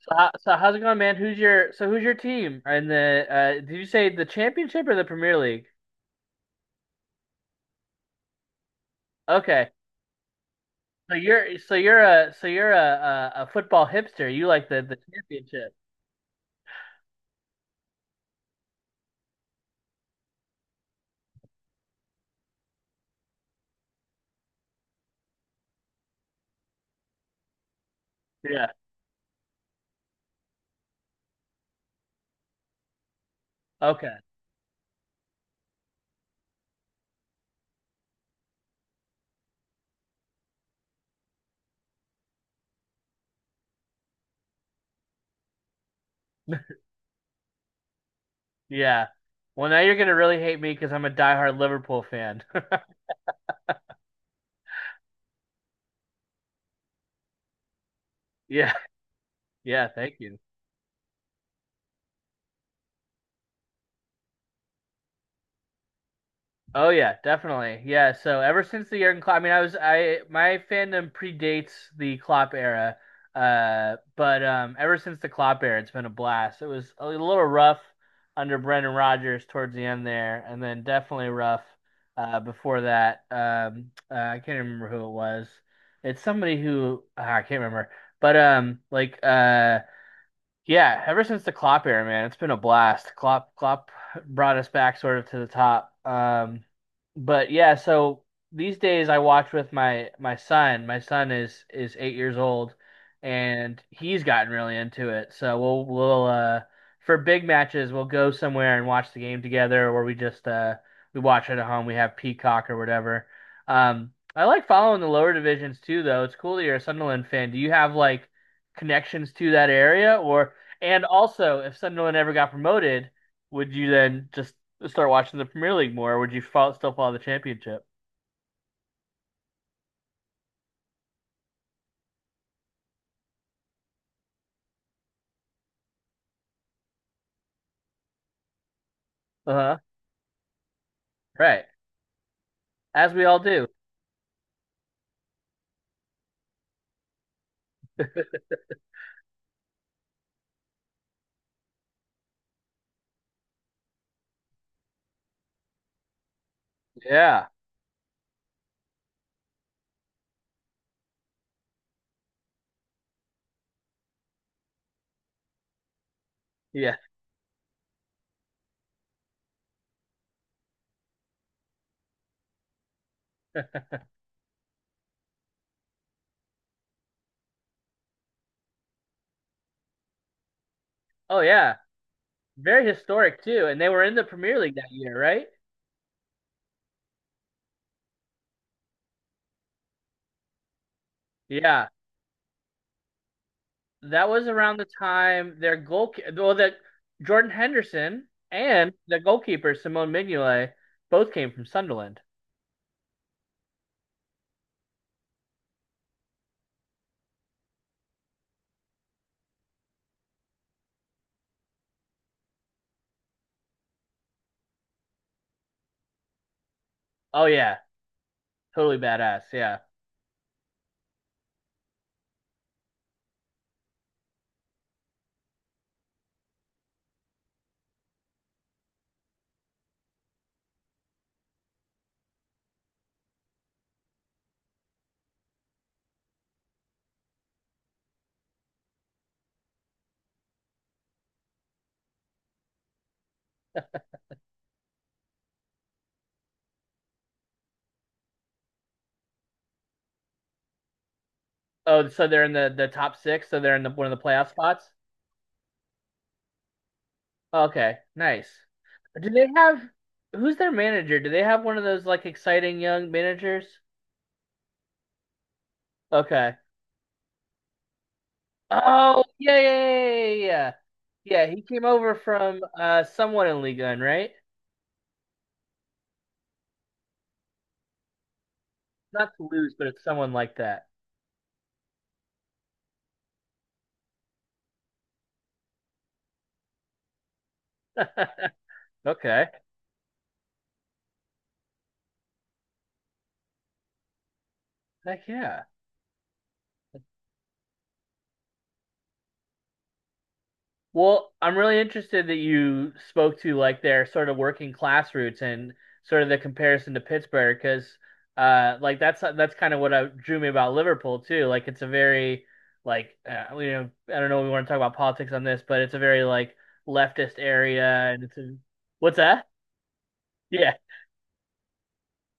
So, how's it going, man? Who's your who's your team? And the did you say the championship or the Premier League? Okay, so you're a football hipster. You like the championship. Yeah. Okay. Yeah. Well, now you're gonna really hate me because I'm a diehard Liverpool fan. Yeah. Yeah. Thank you. Oh yeah, definitely. Yeah. So ever since the Jurgen Klopp, I mean, I was I my fandom predates the Klopp era, but ever since the Klopp era, it's been a blast. It was a little rough under Brendan Rodgers towards the end there, and then definitely rough before that. I can't remember who it was. It's somebody who I can't remember, but Yeah, ever since the Klopp era, man, it's been a blast. Klopp brought us back sort of to the top. But yeah, so these days I watch with my son. My son is 8 years old, and he's gotten really into it. So we'll for big matches we'll go somewhere and watch the game together, or we just we watch it at home. We have Peacock or whatever. I like following the lower divisions too, though. It's cool that you're a Sunderland fan. Do you have like connections to that area or? And also, if Sunderland ever got promoted, would you then just start watching the Premier League more, or would you still follow the Championship? Uh huh. Right. As we all do. Yeah. Yeah. Oh, yeah. Very historic, too. And they were in the Premier League that year, right? Yeah. That was around the time their goal, well, that Jordan Henderson and the goalkeeper, Simone Mignolet, both came from Sunderland. Oh, yeah. Totally badass. Yeah. Oh, so they're in the top six. So they're in the one of the playoff spots. Okay, nice. Do they have who's their manager? Do they have one of those like exciting young managers? Okay. Oh, yeah, yeah, yeah, yeah, yeah. Yeah, yeah, he came over from someone in Ligue 1, right? Not to lose, but it's someone like that. Okay. Heck yeah. Well, I'm really interested that you spoke to like their sort of working class roots and sort of the comparison to Pittsburgh because like that's kind of what drew me about Liverpool too. Like it's a very like you know, I don't know if we want to talk about politics on this, but it's a very like leftist area and it's a what's that? Yeah.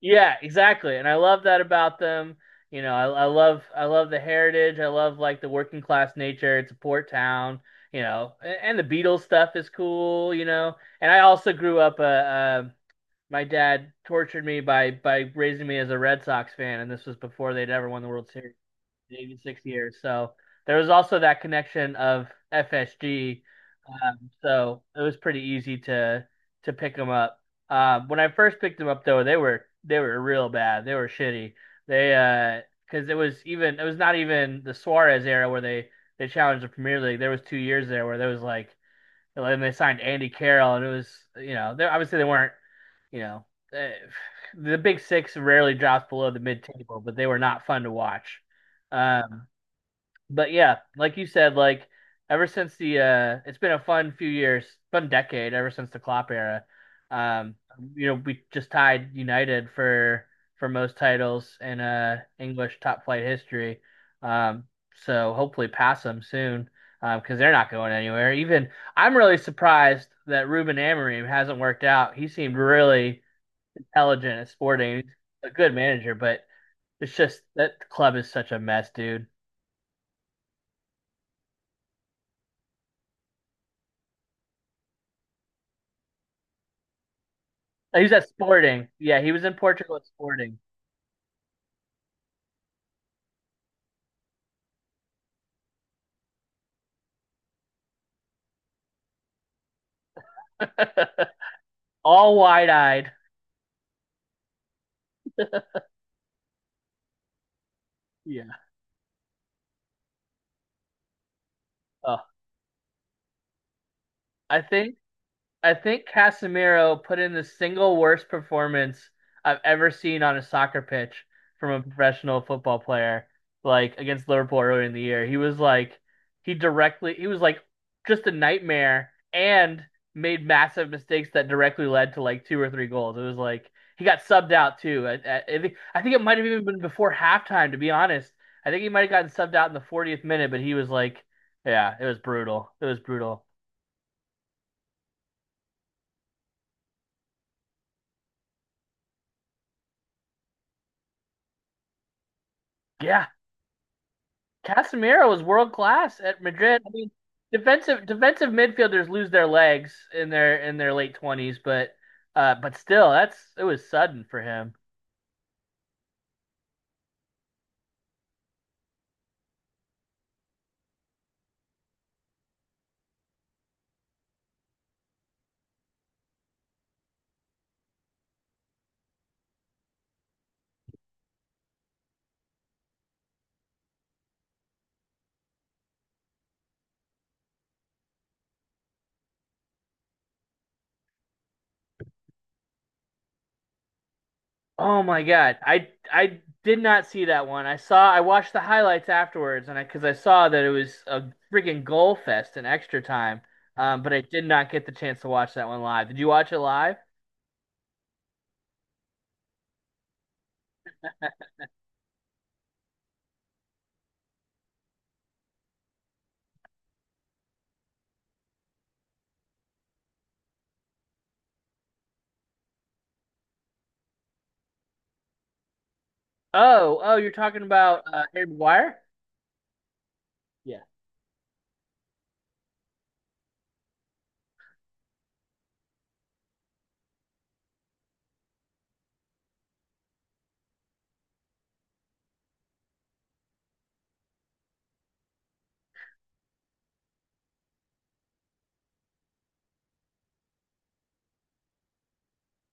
Yeah, exactly. And I love that about them. You know, I love the heritage. I love like the working class nature. It's a port town, you know, and the Beatles stuff is cool, you know. And I also grew up my dad tortured me by raising me as a Red Sox fan, and this was before they'd ever won the World Series maybe 6 years. So there was also that connection of FSG. So it was pretty easy to pick them up. When I first picked them up, though, they were real bad. They were shitty. They because it was even it was not even the Suarez era where they challenged the Premier League. There was 2 years there where there was like and they signed Andy Carroll, and it was you know they obviously they weren't you know. eh, the Big Six rarely drops below the mid table, but they were not fun to watch. Um, but yeah, like you said, like ever since the it's been a fun few years, fun decade ever since the Klopp era. Um, you know, we just tied United for most titles in English top flight history. Um, so hopefully pass them soon. Because they're not going anywhere. Even I'm really surprised that Ruben Amorim hasn't worked out. He seemed really intelligent at Sporting, a good manager, but it's just that club is such a mess, dude. Oh, he was at Sporting. Yeah, he was in Portugal at Sporting. All wide eyed. Yeah. Oh, I think I think Casemiro put in the single worst performance I've ever seen on a soccer pitch from a professional football player, like against Liverpool earlier in the year. He was like, he directly, he was like just a nightmare and made massive mistakes that directly led to like two or three goals. It was like he got subbed out too. I think it might have even been before halftime, to be honest. I think he might have gotten subbed out in the 40th minute, but he was like, yeah, it was brutal. It was brutal. Yeah, Casemiro was world class at Madrid. I mean, defensive midfielders lose their legs in their late 20s, but still, that's it was sudden for him. Oh my God, I did not see that one. I watched the highlights afterwards, and I because I saw that it was a freaking goal fest in extra time. But I did not get the chance to watch that one live. Did you watch it live? Oh, oh, you're talking about Harry Maguire? Yeah.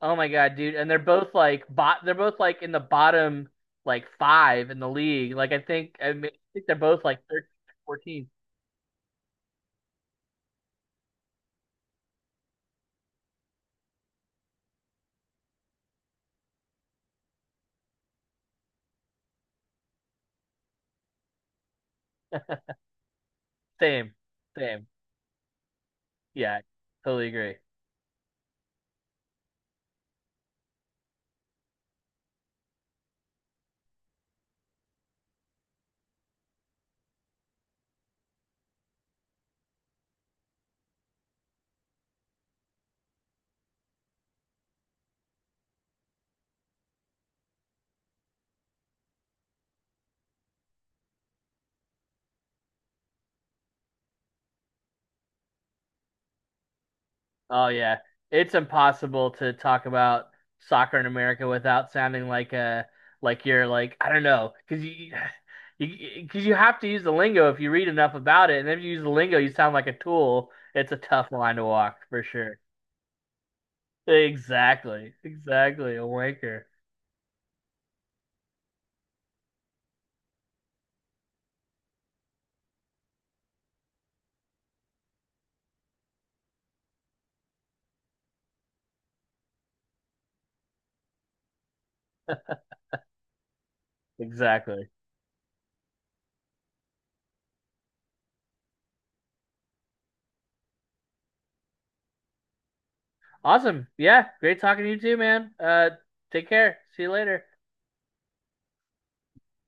Oh my God, dude. And they're both like bot they're both like in the bottom like five in the league. Like I think I mean, I think they're both like 13, 14. Same. Same. Yeah, totally agree. Oh yeah. It's impossible to talk about soccer in America without sounding like a like you're like I don't know because you because you have to use the lingo if you read enough about it and then if you use the lingo you sound like a tool. It's a tough line to walk for sure. Exactly. Exactly. A wanker. Exactly. Awesome. Yeah. Great talking to you too, man. Take care. See you later.